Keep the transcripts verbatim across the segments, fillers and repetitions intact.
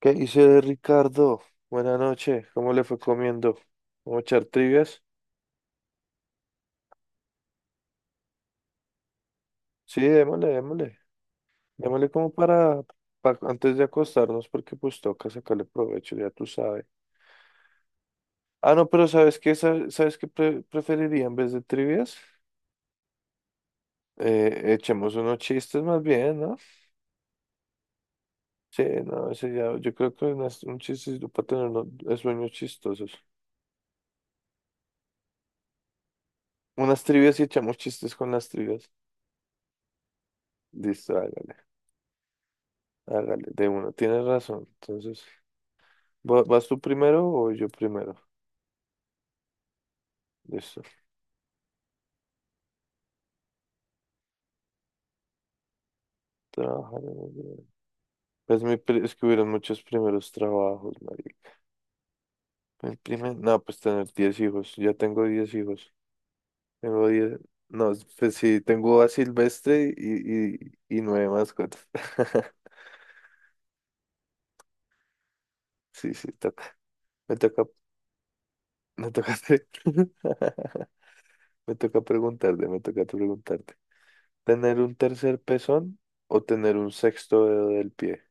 ¿Qué dice Ricardo? Buenas noches, ¿cómo le fue comiendo? ¿Vamos a echar trivias? Sí, démosle, démosle. Démosle como para, pa- antes de acostarnos, porque pues toca sacarle provecho, ya tú sabes. Ah, no, pero ¿sabes qué? ¿Sab- ¿Sabes qué pre- preferiría en vez de trivias? Eh, echemos unos chistes más bien, ¿no? Sí, no, ese ya, yo creo que unas- un chiste para tener unos eh, sueños chistosos. Unas trivias y echamos chistes con las trivias. Listo, hágale, hágale, de uno, tienes razón, entonces. ¿Va- ¿Vas tú primero o yo primero? Listo. Trabajar en el- gobierno. Pues mi pri- es que hubieron muchos primeros trabajos, marica. El primer... No, pues tener diez hijos. Ya tengo diez hijos. Tengo diez. No, pues sí, tengo a Silvestre y, y, y nueve mascotas. Sí, sí, toca. Me toca, me toca hacer- Me toca preguntarte, me toca preguntarte. ¿Tener un tercer pezón o tener un sexto dedo del pie?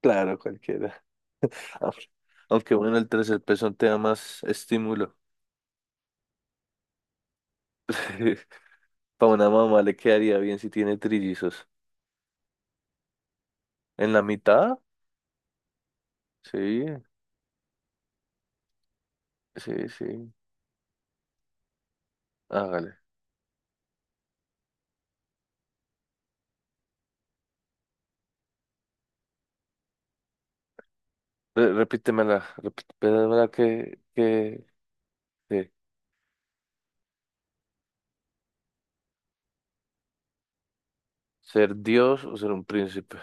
Claro, cualquiera. Aunque aunque bueno, el tercer pezón te da más estímulo. Para una mamá le quedaría bien si tiene trillizos. ¿En la mitad? Sí, sí, sí. Hágale. Re- repítemela, repítemela que, que, que ser Dios o ser un príncipe.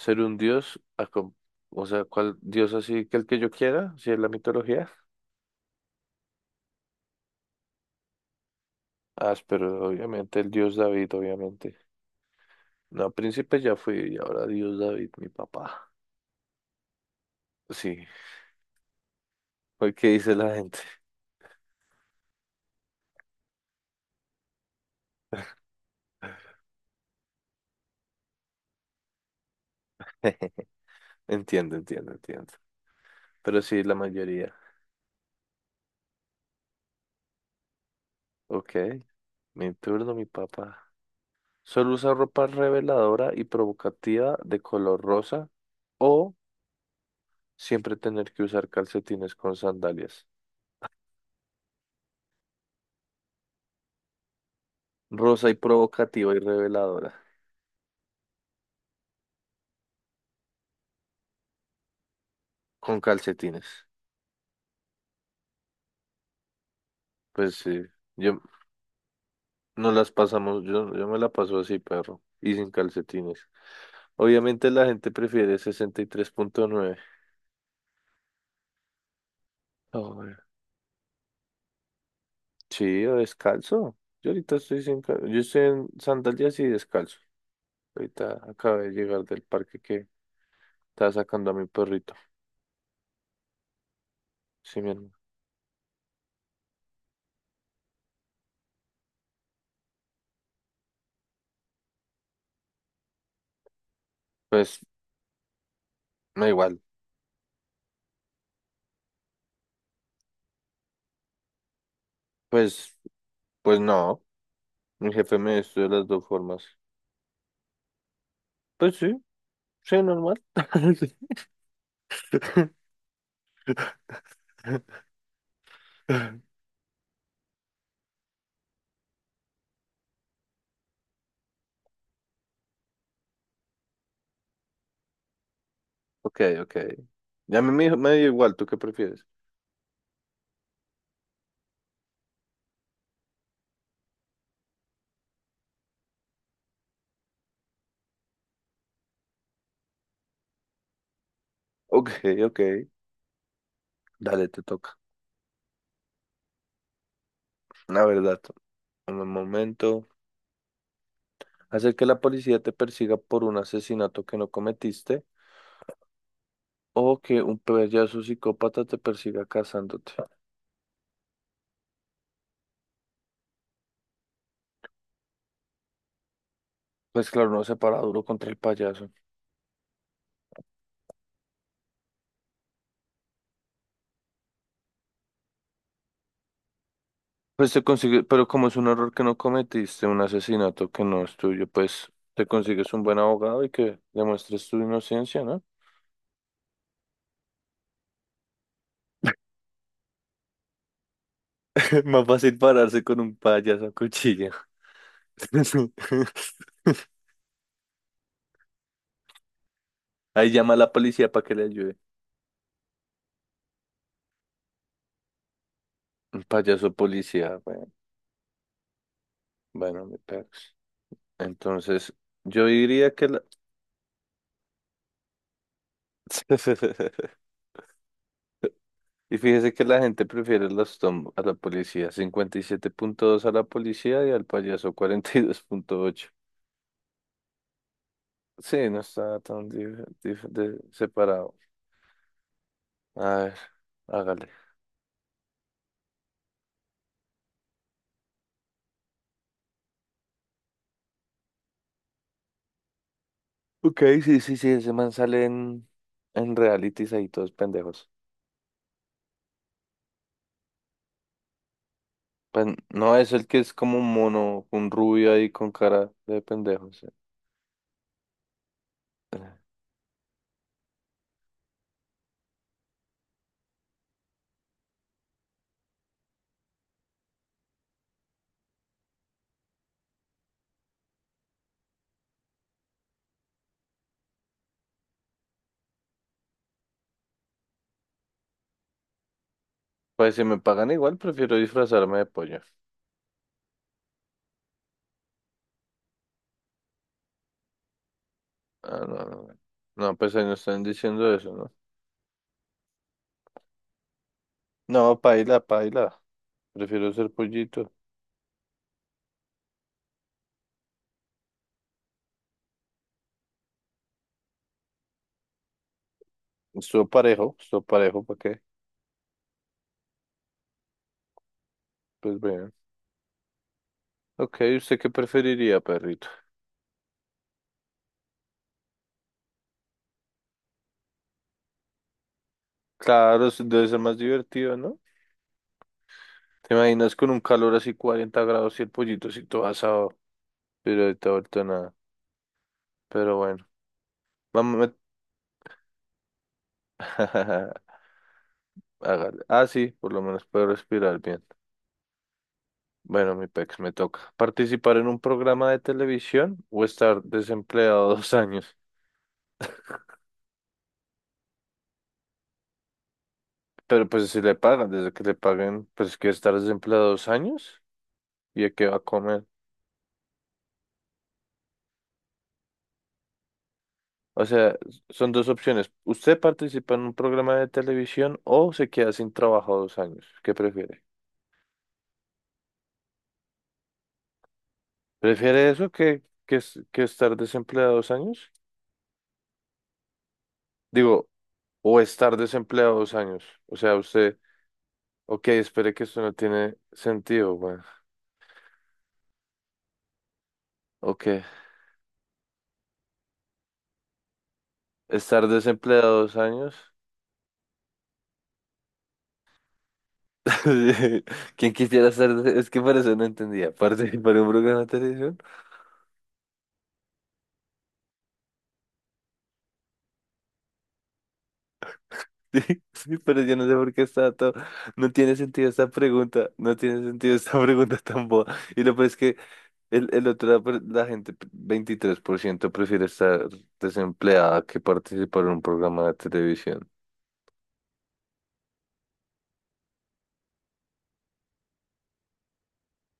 Ser un Dios, acom- O sea, ¿cuál Dios así que el que yo quiera? Si es la mitología. Ah, pero obviamente el Dios David, obviamente. No, príncipe ya fui y ahora Dios David, mi papá. Sí. ¿Por qué dice la gente? Entiendo, entiendo, entiendo. Pero sí, la mayoría. Ok, mi turno, mi papá. Solo usa ropa reveladora y provocativa de color rosa o siempre tener que usar calcetines con sandalias. Rosa y provocativa y reveladora con calcetines. Pues sí, yo no las pasamos, yo, yo me la paso así, perro, y sin calcetines. Obviamente la gente prefiere sesenta y tres punto nueve. Sí, o descalzo. Yo ahorita estoy sin... ca- Yo estoy en sandalias y descalzo. Ahorita acabé de llegar del parque que estaba sacando a mi perrito. Sí, mi hermano. Pues, no igual. Pues, pues no. Mi jefe me estudió de las dos formas. Pues sí, sí, normal. Sí. Ok, ok. Ya a mí me, me dio igual, ¿tú qué prefieres? Ok, ok. Dale, te toca. La verdad, en un momento. Hacer que la policía te persiga por un asesinato que no cometiste. O que un payaso psicópata te persiga cazándote. Pues claro, no se para duro contra el payaso. Pues te consigue, pero como es un error que no cometiste, un asesinato que no es tuyo, pues te consigues un buen abogado y que demuestres tu inocencia, ¿no? más fácil pararse con un payaso a cuchillo. Ahí llama a la policía para que le ayude. Un payaso policía, bueno, bueno, mi perro. Entonces, yo diría que la... Y fíjese que la gente prefiere las Tom a la policía, cincuenta y siete punto dos a la policía y al payaso cuarenta y dos punto ocho. Sí, no está tan dif- dif- de- separado. A ver, hágale. Ok, sí, sí, sí, ese man sale en, en realities ahí todos pendejos. Pues no es el que es como un mono, un rubio ahí con cara de pendejos. Sí. Pues si me pagan igual, prefiero disfrazarme de pollo. Ah, no, no, no. No, pues ahí no están diciendo eso, ¿no? No, paila, paila. Prefiero ser pollito. Estuvo parejo, estuvo parejo, ¿para qué? Pues vean. Ok, ¿usted qué preferiría, perrito? Claro, es- debe ser más divertido, ¿no? ¿Te imaginas con un calor así cuarenta grados y el pollito así todo asado? Pero ahorita, ahorita nada. Pero bueno, vamos a... Hágale. Ah, sí, por lo menos puedo respirar bien. Bueno, mi pex, me toca. ¿Participar en un programa de televisión o estar desempleado dos años? Pero pues si le pagan, desde que le paguen, pues que estar desempleado dos años. ¿Y a qué va a comer? O sea, son dos opciones. Usted participa en un programa de televisión o se queda sin trabajo dos años. ¿Qué prefiere? ¿Prefiere eso que, que, es- que estar desempleado dos años? Digo, o estar desempleado dos años. O sea, usted, ok, espere que esto no tiene sentido, bueno. Ok, estar desempleado dos años. ¿Quién quisiera estar? des- Es que por eso no entendía. ¿Participar en un programa de televisión? Sí, sí, pero yo no sé por qué está todo. No tiene sentido esta pregunta. No tiene sentido esta pregunta tan boba. Y lo peor es que el, el otro, la, per- la gente, veintitrés por ciento prefiere estar desempleada que participar en un programa de televisión.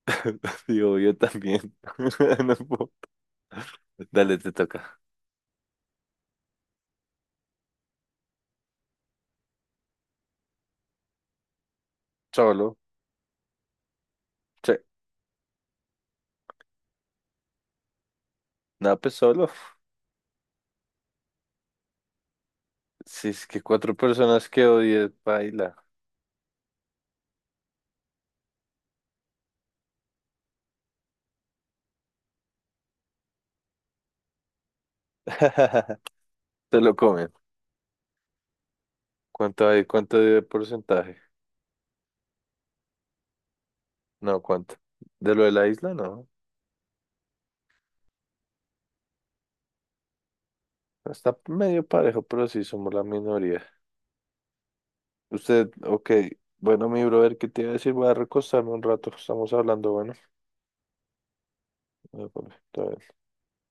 Digo, yo también. No puedo. Dale, te toca. Solo. Sí. No, pues solo. Si es que cuatro personas que odies, baila. Te lo comen. ¿Cuánto hay? ¿Cuánto de porcentaje? No, ¿cuánto? ¿De lo de la isla? No. Está medio parejo, pero sí somos la minoría. Usted, ok. Bueno, mi brother, ¿qué te iba a decir? Voy a recostarme un rato. Estamos hablando, bueno. Eh, papi, todo bien.